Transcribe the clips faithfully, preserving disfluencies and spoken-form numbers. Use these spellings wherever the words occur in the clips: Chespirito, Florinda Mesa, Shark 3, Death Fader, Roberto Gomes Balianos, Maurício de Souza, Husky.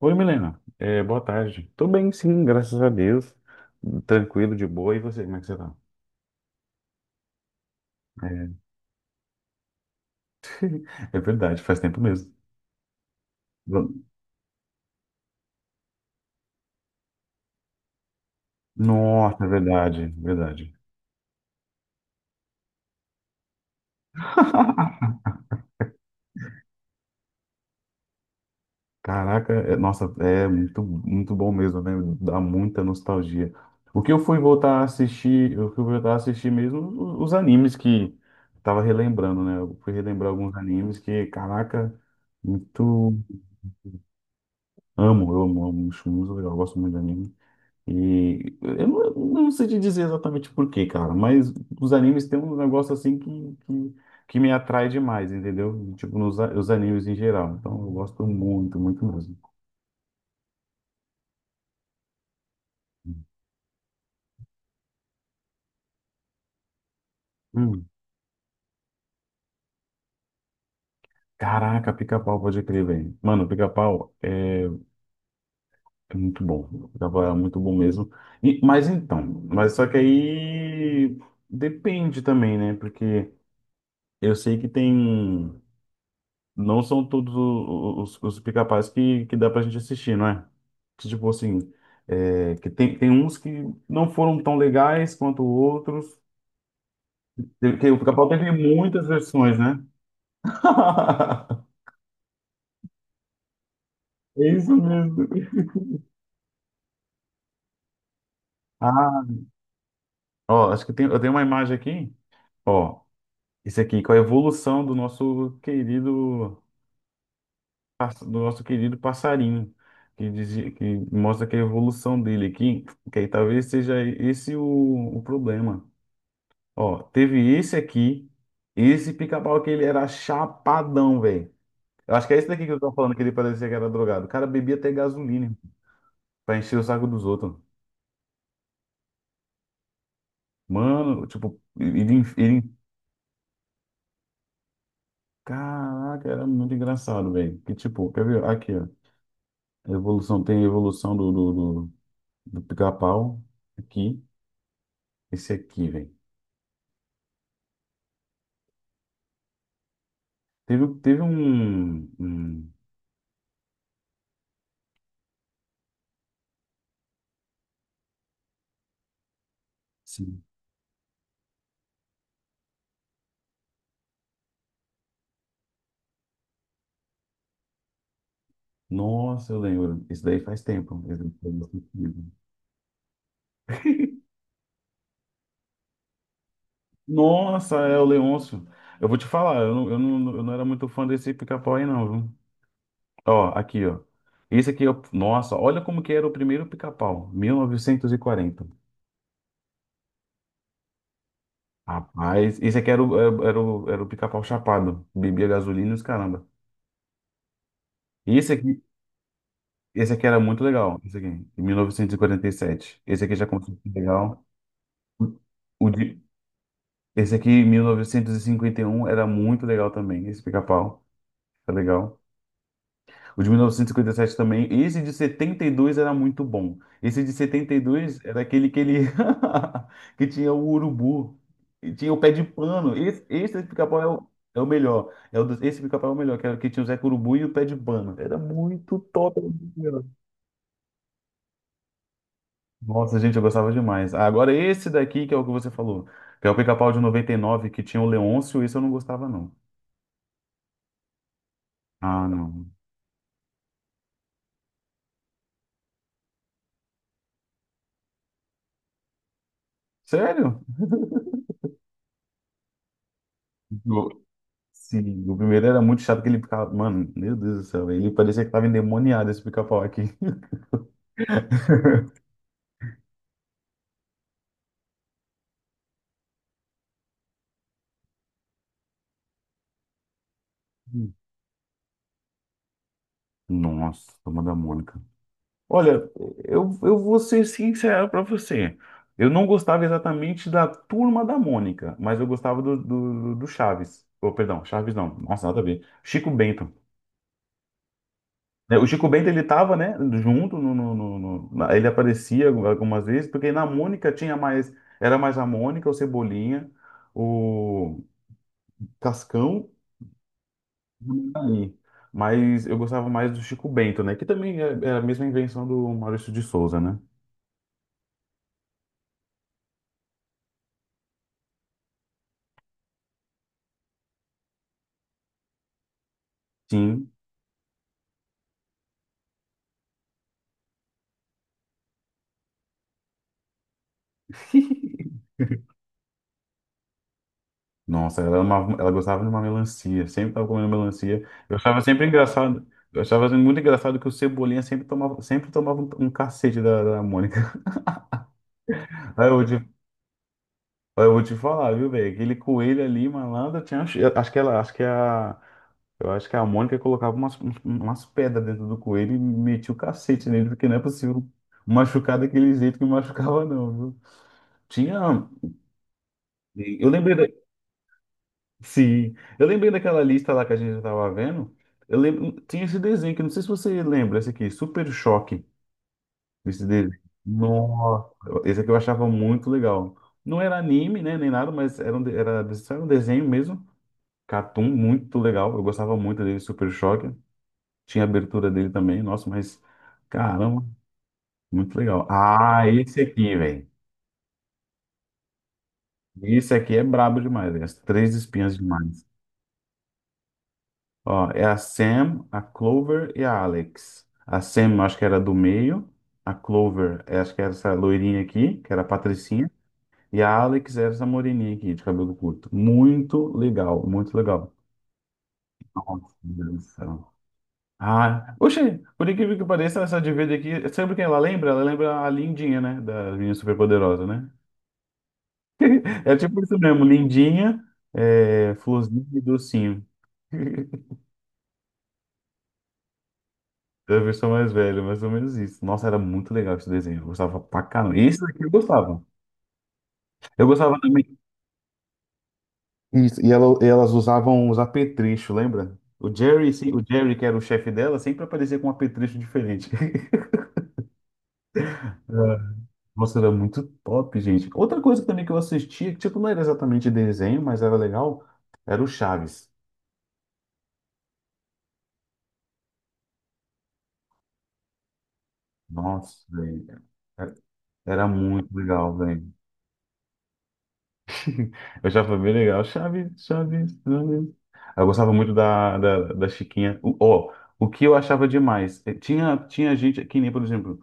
Oi, Milena. É, boa tarde. Tô bem, sim, graças a Deus. Tranquilo, de boa. E você, como é que você tá? É, é verdade, faz tempo mesmo. Nossa, é verdade, verdade. Caraca, é- nossa, é muito, muito bom mesmo, né? Dá muita nostalgia. O que eu fui voltar a assistir, o que eu fui voltar a assistir mesmo, o- os animes que tava relembrando, né? Eu fui relembrar alguns animes que, caraca, muito amo, eu amo, amo, acho muito legal, eu gosto muito de anime. E eu não, eu não sei te dizer exatamente por quê, cara, mas os animes têm um negócio assim que, que, que me atrai demais, entendeu? Tipo, nos, a- os animes em geral. Então eu gosto muito, muito mesmo. Hum. Caraca, pica-pau, pode crer, velho. Mano, pica-pau é, é muito bom. Pica-pau é muito bom mesmo. E, mas então, mas só que aí depende também, né? Porque eu sei que tem. Não são todos o- os, os pica-paus que, que dá pra gente assistir, não é? Que, tipo assim, é, que tem, tem uns que não foram tão legais quanto outros. Teve- que o pica-pau teve muitas versões, né? É isso mesmo. Ah, ó, acho que tem, eu tenho uma imagem aqui, ó, isso aqui, com a evolução do nosso querido, pass- do nosso querido passarinho, que, dizia, que mostra que é a evolução dele aqui, que aí talvez seja esse o, o problema. Ó, teve esse aqui, esse pica-pau que ele era chapadão, velho. Eu acho que é esse daqui que eu tô falando que ele parecia que era drogado. O cara bebia até gasolina, irmão, pra encher o saco dos outros. Mano, tipo, ele, ele... Caraca, era muito engraçado, velho. Que tipo, quer ver? Aqui, ó. Evolução, tem a evolução do, do, do, do pica-pau. Aqui, esse aqui, velho. Teve, teve um, um... Sim. Nossa, eu lembro. Isso daí faz tempo. Nossa, é o Leôncio. Eu vou te falar, eu não, eu não, eu não era muito fã desse pica-pau aí, não, viu? Ó, aqui, ó. Esse aqui, eu, nossa, olha como que era o primeiro pica-pau, mil novecentos e quarenta. Rapaz, esse aqui era o, era, era o, era o pica-pau chapado, bebia gasolina e os caramba. E esse aqui, esse aqui era muito legal, esse aqui, em mil novecentos e quarenta e sete. Esse aqui já começou a ser legal. O de, esse aqui, em mil novecentos e cinquenta e um, era muito legal também, esse pica-pau, tá legal. O de mil novecentos e cinquenta e sete também. Esse de setenta e dois era muito bom. Esse de setenta e dois era aquele que ele que tinha o urubu, e tinha o pé de pano. Esse, esse pica-pau é o, é o melhor. É o do- esse pica-pau é o melhor, que era o que tinha o Zé Urubu e o pé de pano. Era muito top. era muito melhor. Nossa, gente, eu gostava demais. Ah, agora esse daqui que é o que você falou, que é o pica-pau de noventa e nove que tinha o Leôncio, esse eu não gostava não. Ah, não. Sério? Sim, o primeiro era muito chato que ele ficava. Mano, meu Deus do céu, ele parecia que tava endemoniado esse pica-pau aqui. Hum. Nossa, turma da Mônica. Olha, eu, eu vou ser sincero pra você. Eu não gostava exatamente da turma da Mônica, mas eu gostava do, do, do Chaves. Oh, perdão, Chaves não. Nossa, nada a ver. Chico Bento. É, O Chico Bento, ele tava, né, junto, no, no, no- no- na- ele aparecia algumas vezes, porque na Mônica tinha mais, era mais a Mônica, o Cebolinha, o Cascão Ali. Mas eu gostava mais do Chico Bento, né? Que também é, é a mesma invenção do Maurício de Souza, né? Sim. Nossa, ela, amava- ela gostava de uma melancia, sempre tava comendo melancia. Eu achava sempre engraçado, eu achava muito engraçado que o Cebolinha sempre tomava, sempre tomava um, um cacete da, da Mônica. Aí eu Eu vou te falar, viu, velho? Aquele coelho ali, malandro, tinha... eu acho que ela, acho que é a, eu acho que é a Mônica colocava umas, umas pedras dentro do coelho e metia o cacete nele, porque não é possível machucar daquele jeito que machucava, não, viu? Tinha. Eu lembrei da... Sim, eu lembrei daquela lista lá que a gente tava vendo. Eu lembro... Tinha esse desenho que eu não sei se você lembra, esse aqui, Super Choque, esse desenho. Nossa, esse aqui eu achava muito legal. Não era anime, né, nem nada, mas era um, de- era, só era um desenho mesmo. Catum muito legal. Eu gostava muito dele, Super Choque. Tinha a abertura dele também. Nossa, mas caramba, muito legal. Ah, esse aqui, velho. Esse aqui é brabo demais, velho. As três espinhas demais. Ó, é a Sam, a Clover e a Alex. A Sam, eu acho que era do meio. A Clover, eu acho que era essa loirinha aqui, que era a Patricinha. E a Alex era essa moreninha aqui, de cabelo curto. Muito legal, muito legal. Nossa, meu Deus do céu. Ah, oxe, por incrível que pareça, essa dívida aqui, sabe quem ela lembra? Ela lembra a Lindinha, né? Da Menina Superpoderosa, né? É tipo isso mesmo, Lindinha, é, Florzinha e Docinho. Da versão mais velha, mais ou menos isso. Nossa, era muito legal esse desenho. Eu gostava pra caramba. Esse daqui eu gostava. Eu gostava também. Isso, e ela- elas usavam os apetrechos, lembra? O Jerry, sim, o Jerry, que era o chefe dela, sempre aparecia com um apetrecho diferente. Nossa, era muito top, gente. Outra coisa também que eu assistia, que tipo, não era exatamente desenho, mas era legal, era o Chaves. Nossa, velho. Era era muito legal, velho. Eu achava bem legal. Chaves, Chaves, Chaves. Eu gostava muito da, da, da Chiquinha. O- Ó, o que eu achava demais, eh, tinha, tinha gente, que nem, por exemplo,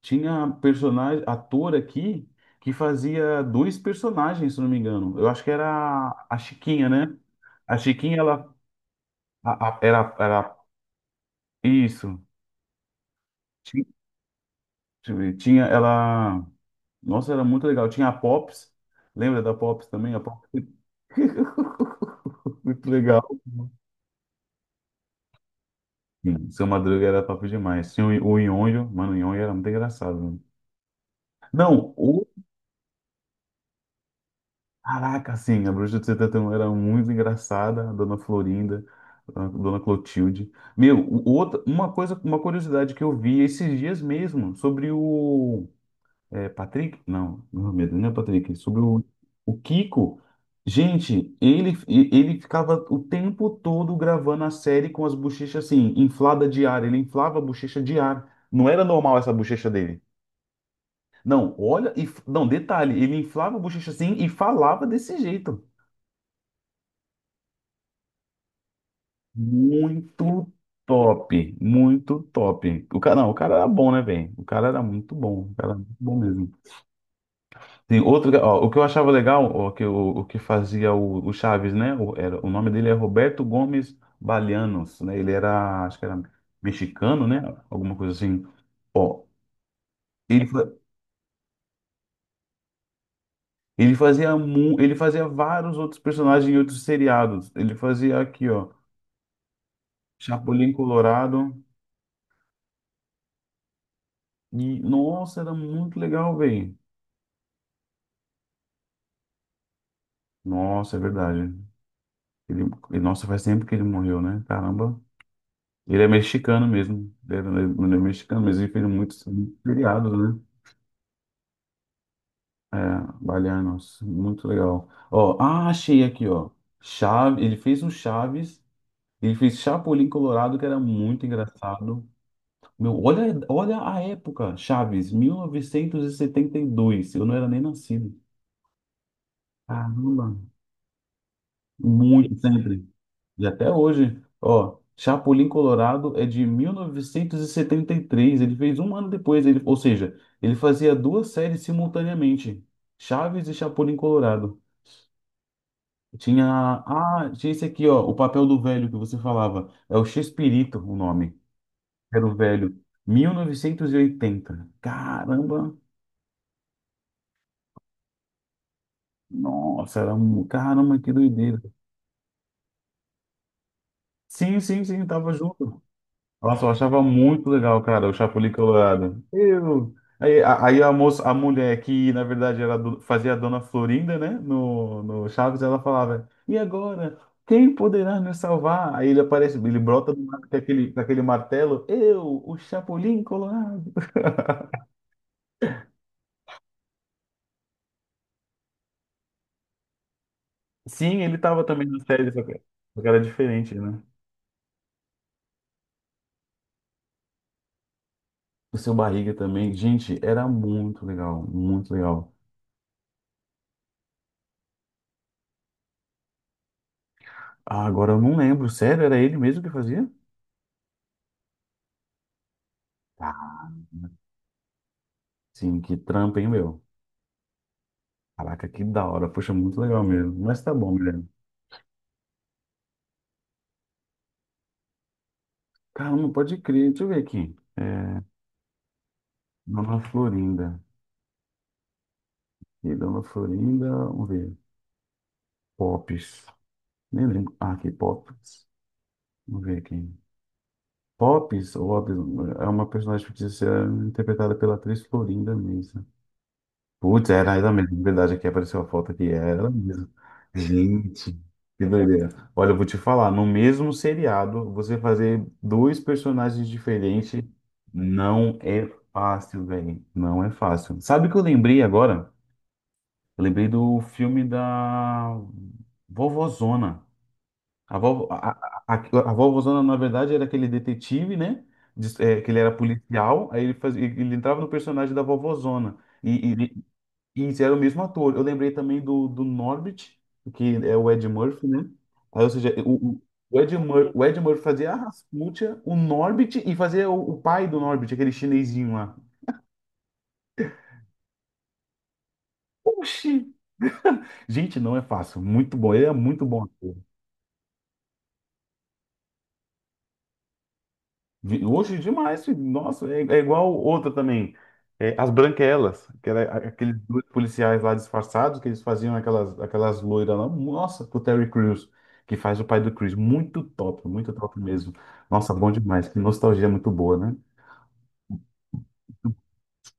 tinha personagem, ator aqui que fazia dois personagens, se não me engano. Eu acho que era a Chiquinha, né? A Chiquinha, ela A- a- era, era isso. Ti- Deixa eu ver. Tinha ela. Nossa, era muito legal. Tinha a Pops. Lembra da Pops também? A Pops. Muito legal. Sim, Seu Madruga era top demais. Tinha o, o Nhonho. Mano, o Nhonho era muito engraçado. mano. Não, o. Caraca, sim, a Bruxa de setenta e um era muito engraçada. A Dona Florinda, a Dona Clotilde. Meu, o- outra, uma coisa, uma curiosidade que eu vi esses dias mesmo sobre o. É Patrick? Não, não Mohamed, não é Patrick. Sobre o, o Kiko. Gente, ele, e- ele ficava o tempo todo gravando a série com as bochechas assim, inflada de ar. Ele inflava a bochecha de ar. Não era normal essa bochecha dele. Não, olha, e, f- não, detalhe, ele inflava a bochecha assim e falava desse jeito. Muito top, muito top. O cara, não, o cara era bom, né, velho? O cara era muito bom, o cara era muito bom mesmo. Tem outro, ga- ó, o que eu achava legal, ó, que o, o que fazia o, o Chaves, né? O, era, o nome dele é Roberto Gomes Balianos, né? Ele era, acho que era mexicano, né? Alguma coisa assim. Ó, ele, fa- ele fazia mu, ele fazia vários outros personagens em outros seriados. Ele fazia aqui, ó, Chapolin Colorado. E, nossa, era muito legal, velho. Nossa, é verdade. Ele, ele- nossa, faz tempo que ele morreu, né? Caramba. Ele é mexicano mesmo. Ele é, ele é mexicano mesmo. Ele fez muitos feriados, né? É, Baianos. Muito legal. Ó, ah, achei aqui, ó. Chaves, ele fez um Chaves. Ele fez Chapolin Colorado, que era muito engraçado. Meu, olha, olha a época, Chaves, mil novecentos e setenta e dois. Eu não era nem nascido. Caramba, muito sempre. E até hoje, ó, Chapolin Colorado é de mil novecentos e e setenta e três. Ele fez um ano depois, ele, ou seja, ele fazia duas séries simultaneamente, Chaves e Chapolin Colorado. Tinha, ah, tinha esse aqui, ó, o papel do velho que você falava. É o Chespirito o nome. Era o velho. mil novecentos e oitenta. Caramba. Nossa, era um, caramba, que doideira. Sim, sim, sim, tava junto. Nossa, eu achava muito legal, cara, o Chapuli Colorado. Eu... Aí, a- aí a moça, a mulher que, na verdade, era do- fazia a Dona Florinda, né, no, no Chaves, ela falava, e agora? Quem poderá nos salvar? Aí ele aparece, ele brota do mar com aquele, com aquele martelo, eu, o Chapolin Colorado. Sim, ele tava também na série, só que, só que era diferente, né? O Seu Barriga também, gente, era muito legal, muito legal. Ah, agora eu não lembro, sério, era ele mesmo que fazia? Ah, Sim, que trampa, hein, meu? Caraca, que da hora. Poxa, muito legal mesmo. Mas tá bom, Guilherme. Caramba, pode crer. Deixa eu ver aqui. É, Dona Florinda. E Dona Florinda, vamos ver. Pops. Nem lembro. Ah, aqui, Pops. Vamos ver aqui. Pops, ou Ops, é uma personagem fictícia interpretada pela atriz Florinda Mesa. Putz, era ela mesmo, de verdade, aqui apareceu a foto aqui, era ela mesmo. Gente, que doideira. Olha, eu vou te falar, no mesmo seriado, você fazer dois personagens diferentes não é fácil, velho. Não é fácil. Sabe o que eu lembrei agora? Eu lembrei do filme da Vovozona. A, vovó, a, a, a a Vovozona, na verdade, era aquele detetive, né? Diz- é, que ele era policial, aí ele, fazia, ele entrava no personagem da Vovozona. E, isso, era o mesmo ator. Eu lembrei também do, do Norbit, que é o Ed Murphy, né? Aí, ou seja, o, o, o Ed Mur, o Ed Murphy fazia a Rasputia, o Norbit e fazia o, o pai do Norbit, aquele chinesinho lá. Oxi! Gente, não é fácil. Muito bom. Ele é muito bom. De- Hoje demais, filho. nossa, é, é igual outra também. É, As Branquelas, que era a- aqueles dois policiais lá disfarçados, que eles faziam aquelas, aquelas loiras lá. Nossa, com o Terry Crews, que faz o pai do Chris. Muito top, muito top mesmo. Nossa, bom demais. Que nostalgia muito boa, né?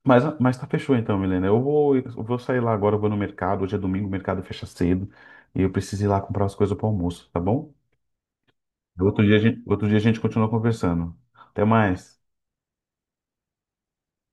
Mas, mas tá fechou então, Milena. Eu vou, eu vou sair lá agora, eu vou no mercado. Hoje é domingo, o mercado fecha cedo. E eu preciso ir lá comprar as coisas para almoço, tá bom? Outro dia, a gente- outro dia a gente continua conversando. Até mais.